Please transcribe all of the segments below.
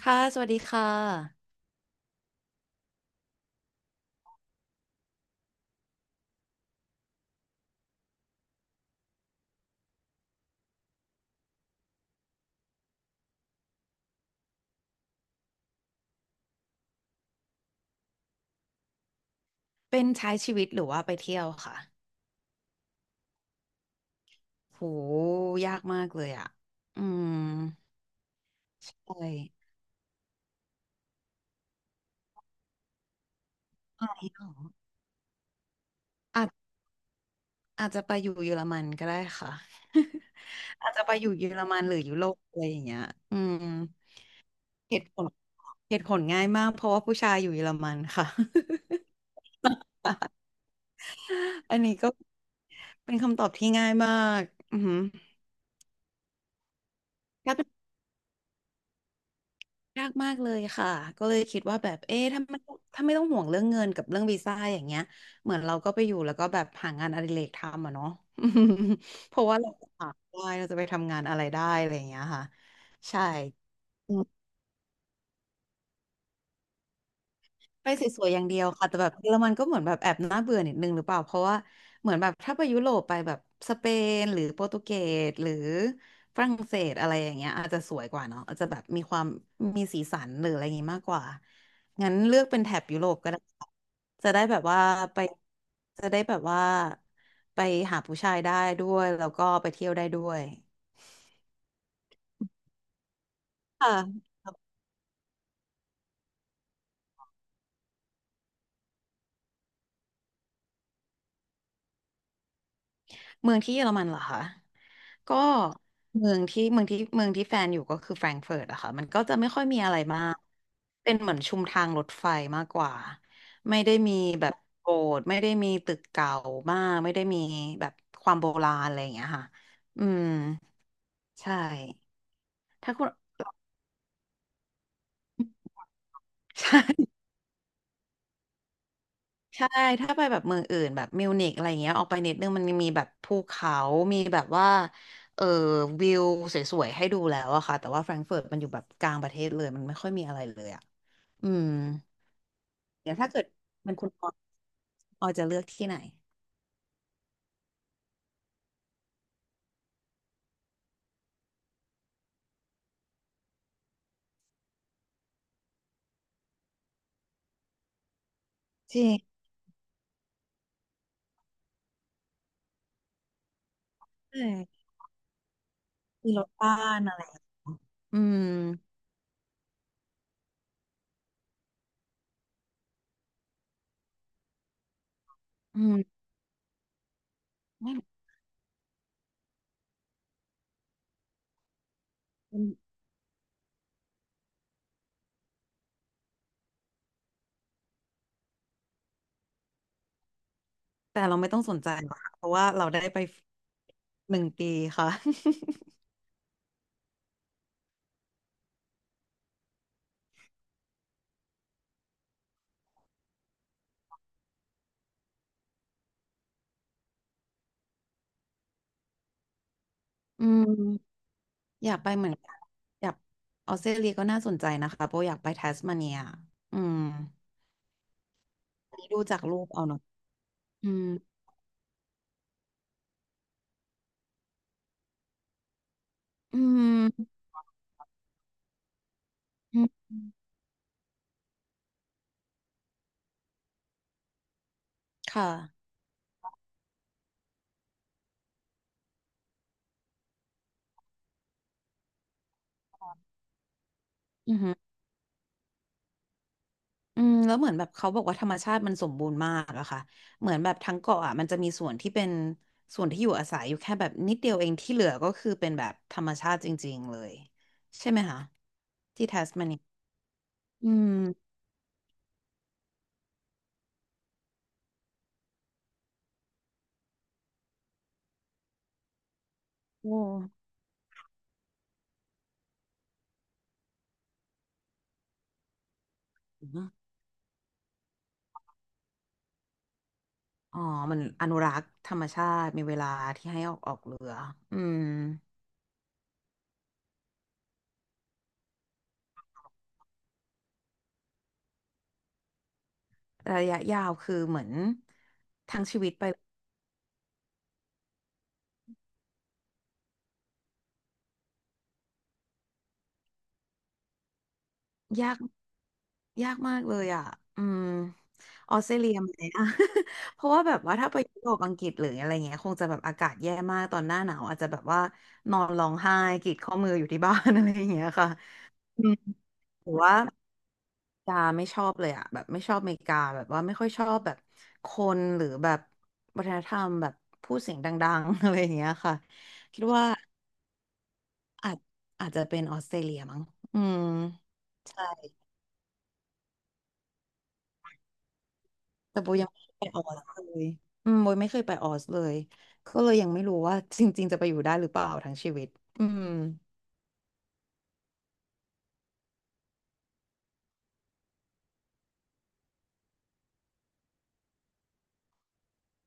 ค่ะสวัสดีค่ะเป็นใช้ชีวิตหรือว่าไปเที่ยวค่ะโหยากมากเลยอ่ะอืมใช่นี่หรออาจอาจจะไปอยู่เยอรมันก็ได้ค่ะ อาจจะไปอยู่เยอรมันหรือยุโรปอะไรอย่างเงี้ยอืมเหตุผลเหตุผลง่ายมากเพราะว่าผู้ชายอยู่เยอรมันค่ะ อันนี้ก็เป็นคำตอบที่ง่ายมากอือหือ ยากมากเลยค่ะก็เลยคิดว่าแบบเอ๊ะถ้าไม่ถ้าไม่ต้องห่วงเรื่องเงินกับเรื่องวีซ่าอย่างเงี้ยเหมือนเราก็ไปอยู่แล้วก็แบบหางานอดิเรกทำอะเนาะ เพราะว่าเราจะหาได้เราจะไปทำงานอะไรได้อะไรอย่างเงี้ยค่ะใช่ ไปสวยๆอย่างเดียวค่ะแต่แบบเยอรมันก็เหมือนแบบแอบน่าเบื่อนิดนึงหรือเปล่าเพราะว่าเหมือนแบบถ้าไปยุโรปไปแบบสเปนหรือโปรตุเกสหรือฝรั่งเศสอะไรอย่างเงี้ยอาจจะสวยกว่าเนาะอาจจะแบบมีความมีสีสันหรืออะไรอย่างงี้มากกว่างั้นเลือกเป็นแถบยุโรปก็ได้ค่ะจะได้แบบว่าไปจะได้แบบว่าไปหาผู้ชายได้ด้วยแล้วก็ไปเที่ยวได้ด้วยค่ะเมืองที่เยอรมันเหรอคะ ก็เมืองที่แฟนอยู่ก็คือแฟรงก์เฟิร์ตอะค่ะมันก็จะไม่ค่อยมีอะไรมากเป็นเหมือนชุมทางรถไฟมากกว่าไม่ได้มีแบบโบสถ์ไม่ได้มีตึกเก่ามากไม่ได้มีแบบความโบราณอะไรอย่างเงี้ยค่ะอืมใช่ถ้าคุณ ใช่ใช่ถ้าไปแบบเมืองอื่นแบบมิวนิกอะไรเงี้ยออกไปนิดนึงมันมีแบบภูเขามีแบบว่าเออวิวสวยๆให้ดูแล้วอะค่ะแต่ว่าแฟรงก์เฟิร์ตมันอยู่แบบกลางประเทศเลยมันไม่ค่อยมีอะไรเลยอะ อืมเดี๋ยวถ้าเกิดเป็นคุณออออจะเลือกที่ไหนจริงใช่มีรถบ้านอะไรอืมอืมไม่แต่เราไม่ต้องสนใจหรอกค่ะเพราะว่าเราได้ไปหนึ่งปีค่ะ อืมอยากไปเหมือนกันอยากออสเตรเลียก็น่าสนใจนะคะเพราะอยากไปทัสมาเนียอืมอันนี้ดูจากรูปเอาเนอะอืมอืมอืมค่ะอืม อืมแล้วเหมือนแบบเขาบอกว่าธรรมชาติมันสมบูรณ์มากอะค่ะเหมือนแบบทั้งเกาะอะมันจะมีส่วนที่เป็นส่วนที่อยู่อาศัยอยู่แค่แบบนิดเดียวเองที่เหลือก็คือเป็นแบบธรรมชาติจริงๆเลยใช่ไหมคะที่แทสมาเนียอืมโอ้อมอ๋อมันอนุรักษ์ธรรมชาติมีเวลาที่ให้ออกออกเรืออืมระยะยาวคือเหมือนทั้งชีวิตไปยาก ยากมากเลยอ่ะอืมออสเตรเลียไหมอ่ะ เพราะว่าแบบว่าถ้าไปยุโรปอังกฤษหรืออะไรเงี้ยคงจะแบบอากาศแย่มากตอนหน้าหนาวอาจจะแบบว่านอนร้องไห้กรีดข้อมืออยู่ที่บ้าน อะไรอย่างเงี้ยค่ะอืมหรือว่าอเมริกาไม่ชอบเลยอ่ะแบบไม่ชอบอเมริกาแบบว่าไม่ค่อยชอบแบบคนหรือแบบวัฒนธรรมแบบพูดเสียงดังๆ อะไรอย่างเงี้ยค่ะคิดว่าอาจอาจจะเป็นออสเตรเลียมั้งอืมใช่ แต่โบยังไม่เคยไปออสเลยอืมโบไม่เคยไปออสเลยก็เลยยังไม่รู้ว่าจริงๆจะไปอยู่ได้หรือเปล่าทั้งชีวิตอืม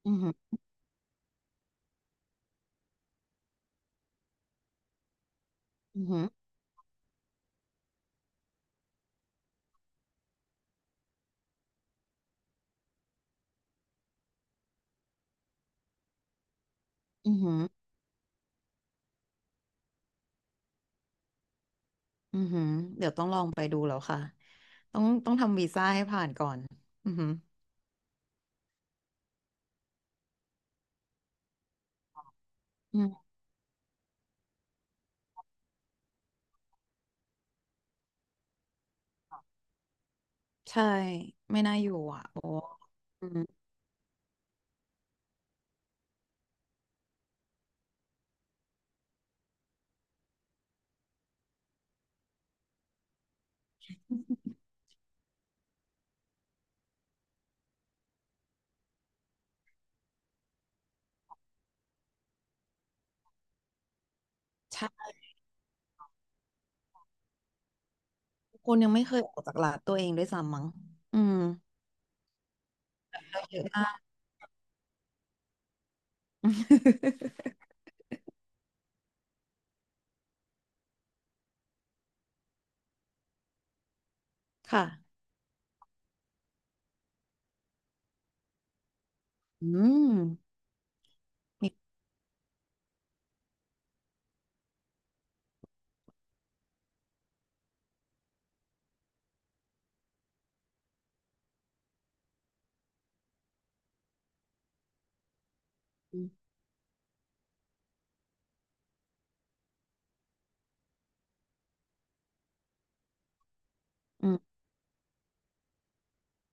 อือหืออือหืออือหืออือหือเดี๋ยวต้องลองไปดูแล้วค่ะต้องต้องทำวีซ่าให้ผ่านก่อนอือหืออืมใช่ไม่น่าอยู่อ่ะโบอืมใช่คนยังไม่เคยออกจากหลาดตัวเองด้วยซ้ำมั้งอืมเยอะมาก ค่ะอืมมีอืม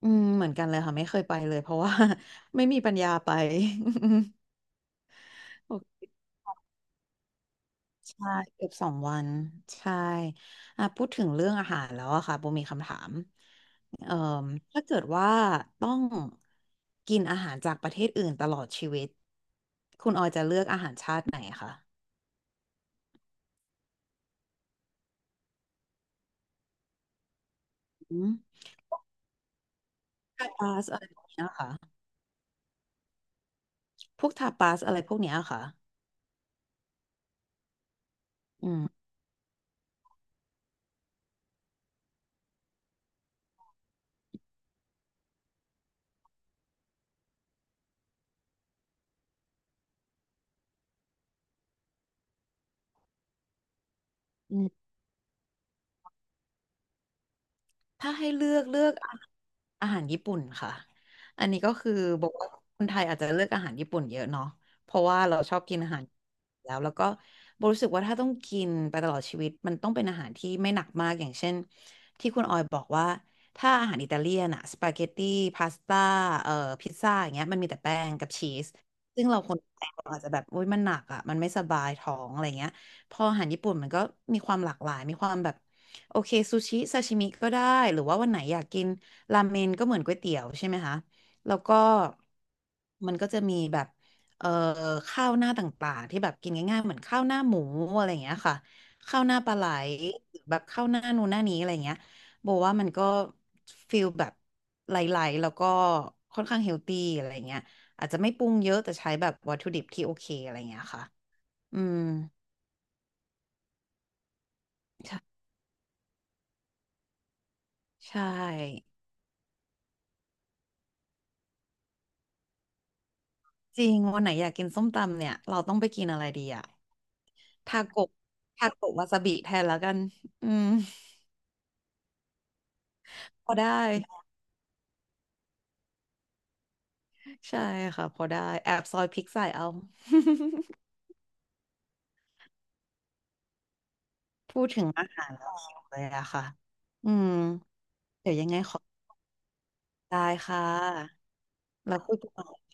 อืมเหมือนกันเลยค่ะไม่เคยไปเลยเพราะว่า ไม่มีปัญญาไป โอเคใช่เกือบสองวันใช่อ่ะพูดถึงเรื่องอาหารแล้วอะค่ะโบมีคำถามเอ่อถ้าเกิดว่าต้องกินอาหารจากประเทศอื่นตลอดชีวิตคุณออยจะเลือกอาหารชาติไหนคะอืมทาปาสอะไรพวกเนี้ยค่ะพวกทาปาสอะไรพวกเนี้ยค่ะอืม ถ้าให้เลือกเลือกอาอาหารญี่ปุ่นค่ะอันนี้ก็คือบอกว่าคนไทยอาจจะเลือกอาหารญี่ปุ่นเยอะเนาะเพราะว่าเราชอบกินอาหารแล้วแล้วก็โบรู้สึกว่าถ้าต้องกินไปตลอดชีวิตมันต้องเป็นอาหารที่ไม่หนักมากอย่างเช่นที่คุณออยบอกว่าถ้าอาหารอิตาเลียนอะสปาเกตตี้พาสต้าเอ่อพิซซ่าอย่างเงี้ยมันมีแต่แป้งกับชีสซึ่งเราคนไทยเราอาจจะแบบอุ้ยมันหนักอ่ะมันไม่สบายท้องอะไรเงี้ยพออาหารญี่ปุ่นมันก็มีความหลากหลายมีความแบบ โอเคซูชิซาชิมิก็ได้หรือว่าวันไหนอยากกินราเมนก็เหมือนก๋วยเตี๋ยวใช่ไหมคะแล้วก็มันก็จะมีแบบเอ่อข้าวหน้าต่างๆที่แบบกินง่ายๆเหมือนข้าวหน้าหมูอะไรอย่างเงี้ยค่ะข้าวหน้าปลาไหลหรือแบบข้าวหน้านู่นหน้านี้อะไรอย่างเงี้ยโบว่ามันก็ฟีลแบบไหลๆแล้วก็ค่อนข้างเฮลตี้อะไรอย่างเงี้ยอาจจะไม่ปรุงเยอะแต่ใช้แบบวัตถุดิบที่โอเคอะไรอย่างเงี้ยค่ะอืมใช่ใช่ จริงวันไหนอยากกินส้มตำเนี่ยเราต้องไปกินอะไรดีอะทาโกะทาโกะวาซาบิแทนแล้วกันอืมพอได้ใช่ค่ะพอได้แอบซอยพริกใส่เอา พูดถึงอาหารแล้วหิวเลยอะค่ะอืมเดี๋ยวยังไงขอได้ค่ะแล้วคุยกัน